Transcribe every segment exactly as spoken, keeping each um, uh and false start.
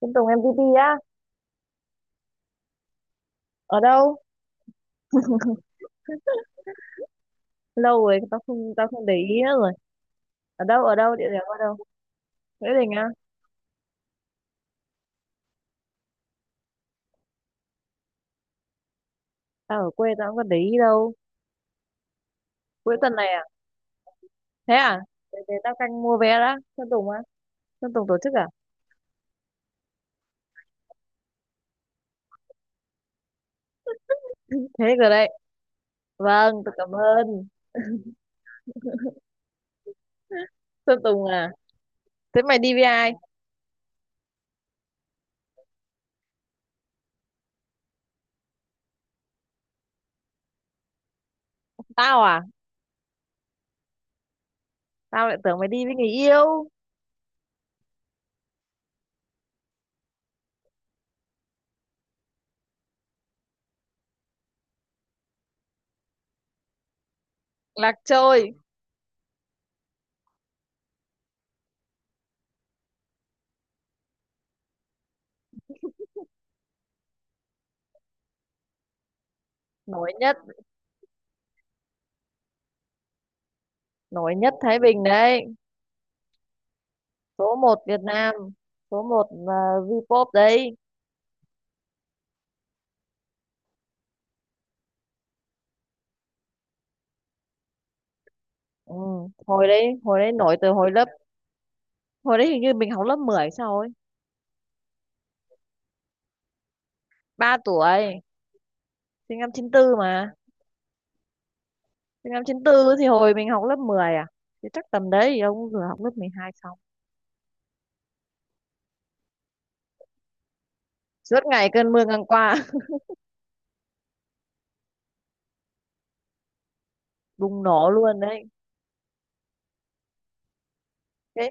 Trên Tùng em MTP á, ở đâu? Lâu rồi tao không tao không để ý nữa rồi. Ở đâu ở đâu, địa điểm ở đâu? Nghĩa Đình á? Tao ở quê tao không có để ý đâu. Cuối tuần này à? Thế à? Để, để tao canh mua vé đã. Sơn Tùng á? Sơn Tùng tổ chức à? Thế rồi đấy. Vâng, tôi cảm ơn. Sơn Tùng à? Thế mày đi với ai? Tao à? Tao lại tưởng mày đi với người yêu. Lạc trôi. Nổi nhất, nổi nhất Thái Bình đấy. Số một Việt Nam. Số một uh, v đấy. Ừ, hồi đấy hồi đấy nổi từ hồi lớp. Hồi đấy hình như mình học lớp mười sao ấy. Ba tuổi. Sinh năm chín tư mà. Sinh năm chín tư thì hồi mình học lớp mười à, thì chắc tầm đấy thì ông vừa học lớp mười hai xong. Suốt ngày cơn mưa ngang qua bùng nổ luôn đấy. Thế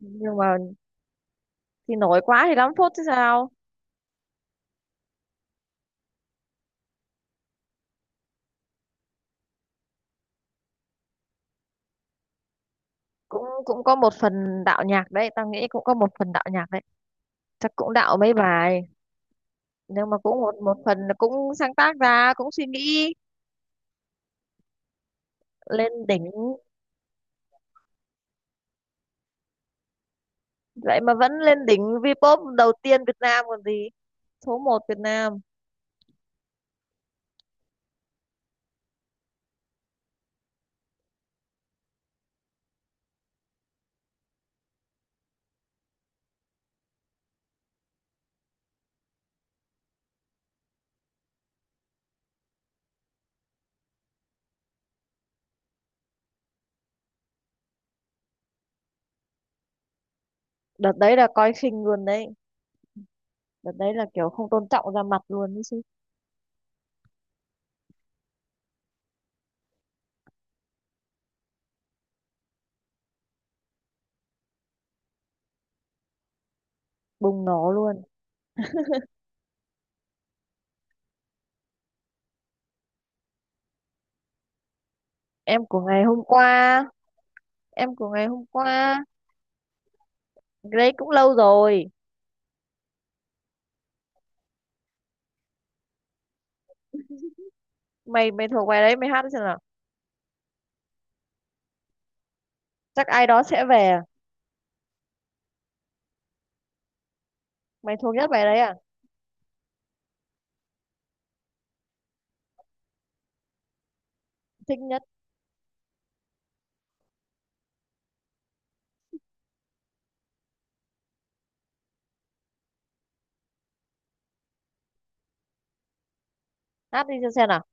nhưng mà thì nổi quá thì lắm phút chứ sao. Cũng cũng có một phần đạo nhạc đấy, tao nghĩ cũng có một phần đạo nhạc đấy. Chắc cũng đạo mấy bài, nhưng mà cũng một một phần là cũng sáng tác ra, cũng suy nghĩ. Lên đỉnh, vậy mà vẫn lên đỉnh Vpop đầu tiên Việt Nam còn gì. Số một Việt Nam. Đợt đấy là coi khinh luôn đấy. Đợt đấy là kiểu không tôn trọng ra mặt luôn đấy chứ. Bùng nổ luôn. Em của ngày hôm qua, em của ngày hôm qua. Cái đấy cũng lâu rồi. Mày mày thuộc bài đấy, mày hát đi xem nào. Chắc ai đó sẽ về à? Mày thuộc nhất bài đấy à? Thích nhất. Hát đi cho xem nào.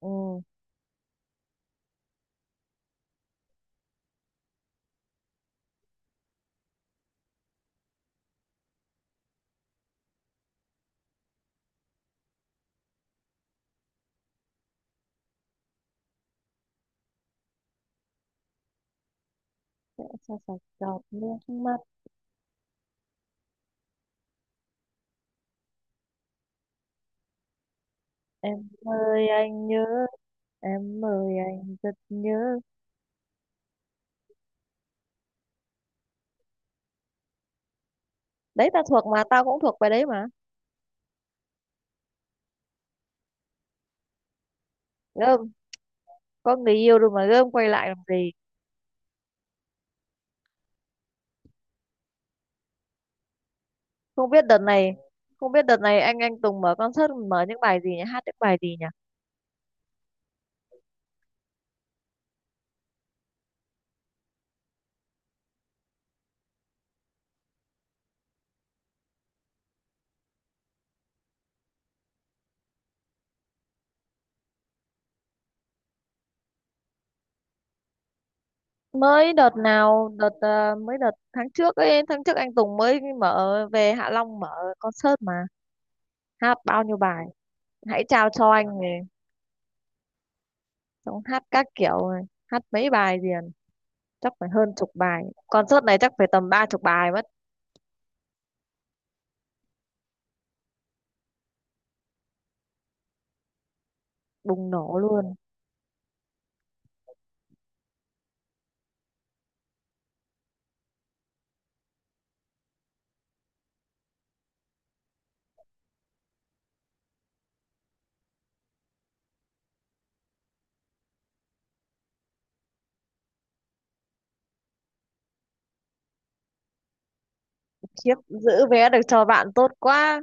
Ừ, sẽ cho sạch giọt nước mắt. Em ơi anh nhớ. Em ơi anh rất nhớ. Đấy, ta thuộc mà, tao cũng thuộc bài đấy mà. Gơm. Có người yêu rồi mà gơm quay lại làm gì. Không biết đợt này không biết đợt này anh anh Tùng mở concert, mở những bài gì nhỉ, hát những bài gì nhỉ. Mới đợt nào đợt ờ, mới đợt tháng trước ấy, tháng trước anh Tùng mới mở về Hạ Long mở concert mà. Hát bao nhiêu bài. Hãy trao cho anh này. Xong hát các kiểu này. Hát mấy bài liền. Chắc phải hơn chục bài. Concert này chắc phải tầm ba chục bài mất. Bùng nổ luôn. Khiếp, giữ vé được cho bạn tốt quá.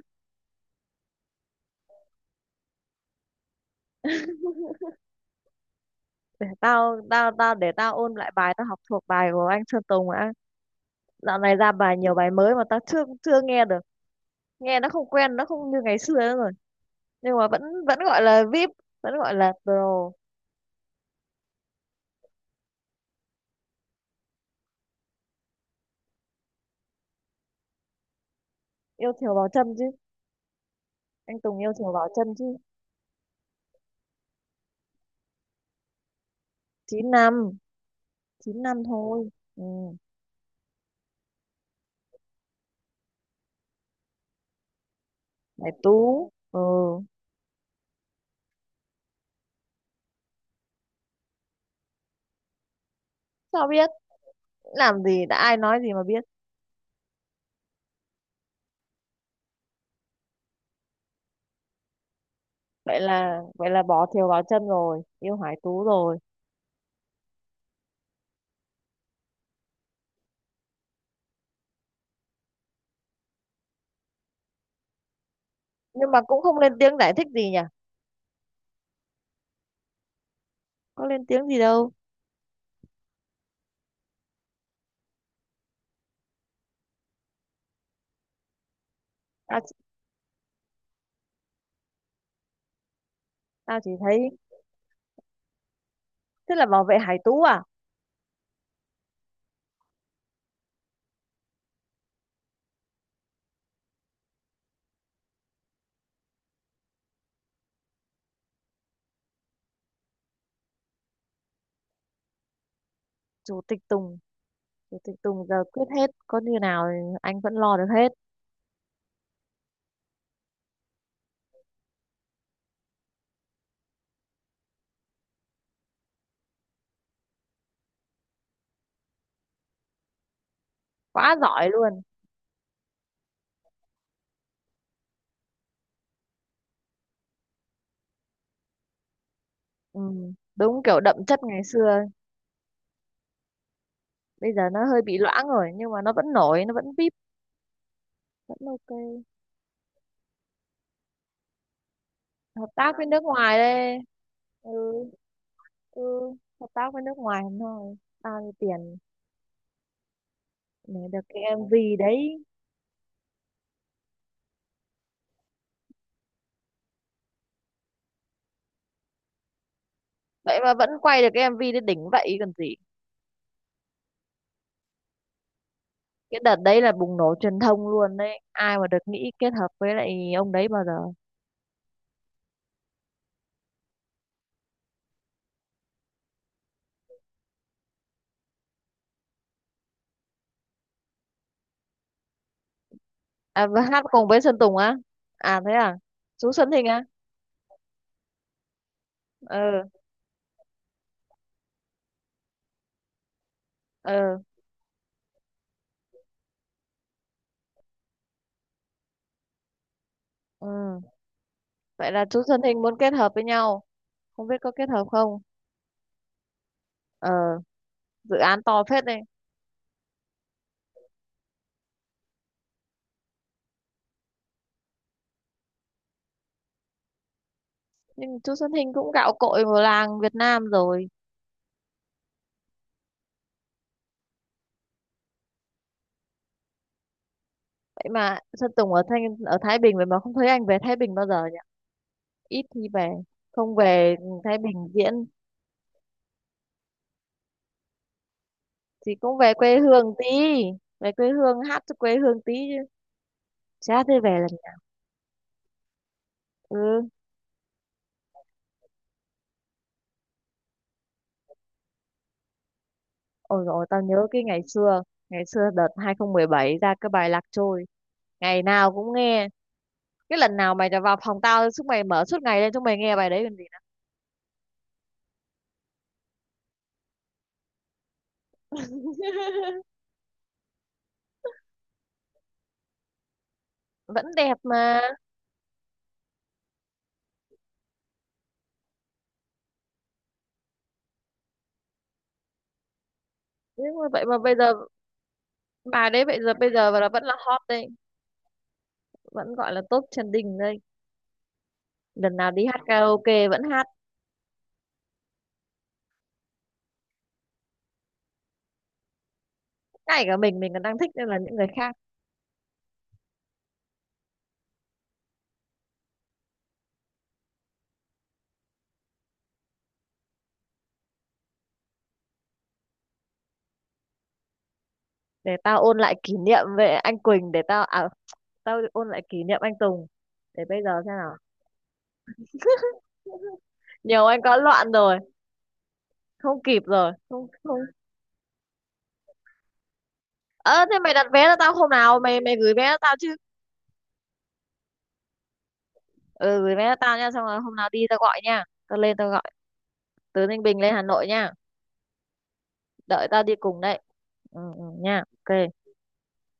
Tao tao tao để tao ôn lại bài, tao học thuộc bài của anh Sơn Tùng đã. Dạo này ra bài nhiều bài mới mà ta chưa chưa nghe được. Nghe nó không quen, nó không như ngày xưa nữa rồi. Nhưng mà vẫn vẫn gọi là vi ai pi, vẫn gọi là pro. Yêu thiều vào chân chứ. Anh Tùng yêu thiều vào chân chứ. Chín năm chín năm thôi. Ừ. Hải Tú. Ừ. Sao biết? Làm gì đã ai nói gì mà biết. Vậy là vậy là bỏ thiều vào chân rồi yêu Hải Tú rồi. Nhưng mà cũng không lên tiếng giải thích gì nhỉ. Có lên tiếng gì đâu. Ta, ta chỉ thấy thế là bảo vệ Hải Tú à. Chủ tịch Tùng. Thì Tùng Tùng giờ quyết hết, có như nào thì anh vẫn lo được hết. Quá giỏi luôn. Ừ, đúng kiểu đậm chất ngày xưa ấy. Bây giờ nó hơi bị loãng rồi, nhưng mà nó vẫn nổi, nó vẫn vip, vẫn ok. Hợp tác với nước ngoài đây. Ừ, ừ, hợp tác với nước ngoài thôi. Bao nhiêu tiền để được cái em vi đấy. Vậy mà vẫn quay được cái em vi đấy đỉnh vậy còn gì. Cái đợt đấy là bùng nổ truyền thông luôn đấy. Ai mà được nghĩ kết hợp với lại ông đấy bao giờ. À, và hát cùng với Sơn Tùng á? À, thế à? Chú Xuân Thịnh á? Ừ, ừ, ừ. Vậy là chú Xuân Thịnh muốn kết hợp với nhau. Không biết có kết hợp không. Ờ, dự án to phết đấy. Nhưng chú Xuân Thịnh cũng gạo cội vào làng Việt Nam rồi. Vậy mà Sơn Tùng ở Thanh ở Thái Bình, vậy mà không thấy anh về Thái Bình bao giờ nhỉ. Ít khi về. Không về Thái Bình diễn thì cũng về quê hương tí, về quê hương hát cho quê hương tí chứ. Chả thế về lần. Ừ. Ôi rồi tao nhớ cái ngày xưa, ngày xưa đợt hai không một bảy ra cái bài Lạc Trôi, ngày nào cũng nghe. Cái lần nào mày vào phòng tao, chúng mày mở suốt ngày lên, chúng mày nghe bài đấy còn gì nữa. Vẫn đẹp mà. Nhưng mà vậy mà bây giờ bài đấy bây giờ bây giờ là vẫn là hot đấy, vẫn gọi là top trending đây. Lần nào đi hát karaoke vẫn hát, ngay cả mình mình còn đang thích nên là những người khác. Để tao ôn lại kỷ niệm về anh Quỳnh, để tao à tao ôn lại kỷ niệm anh Tùng, để bây giờ xem nào. Nhiều anh có loạn rồi. Không kịp rồi, không, không. Ờ thế mày đặt vé cho tao, hôm nào mày mày gửi vé cho tao chứ. Ừ gửi vé cho tao nha, xong rồi hôm nào đi tao gọi nha, tao lên tao gọi. Từ Ninh Bình lên Hà Nội nha. Đợi tao đi cùng đấy. Ừ, ừ, nha, ok.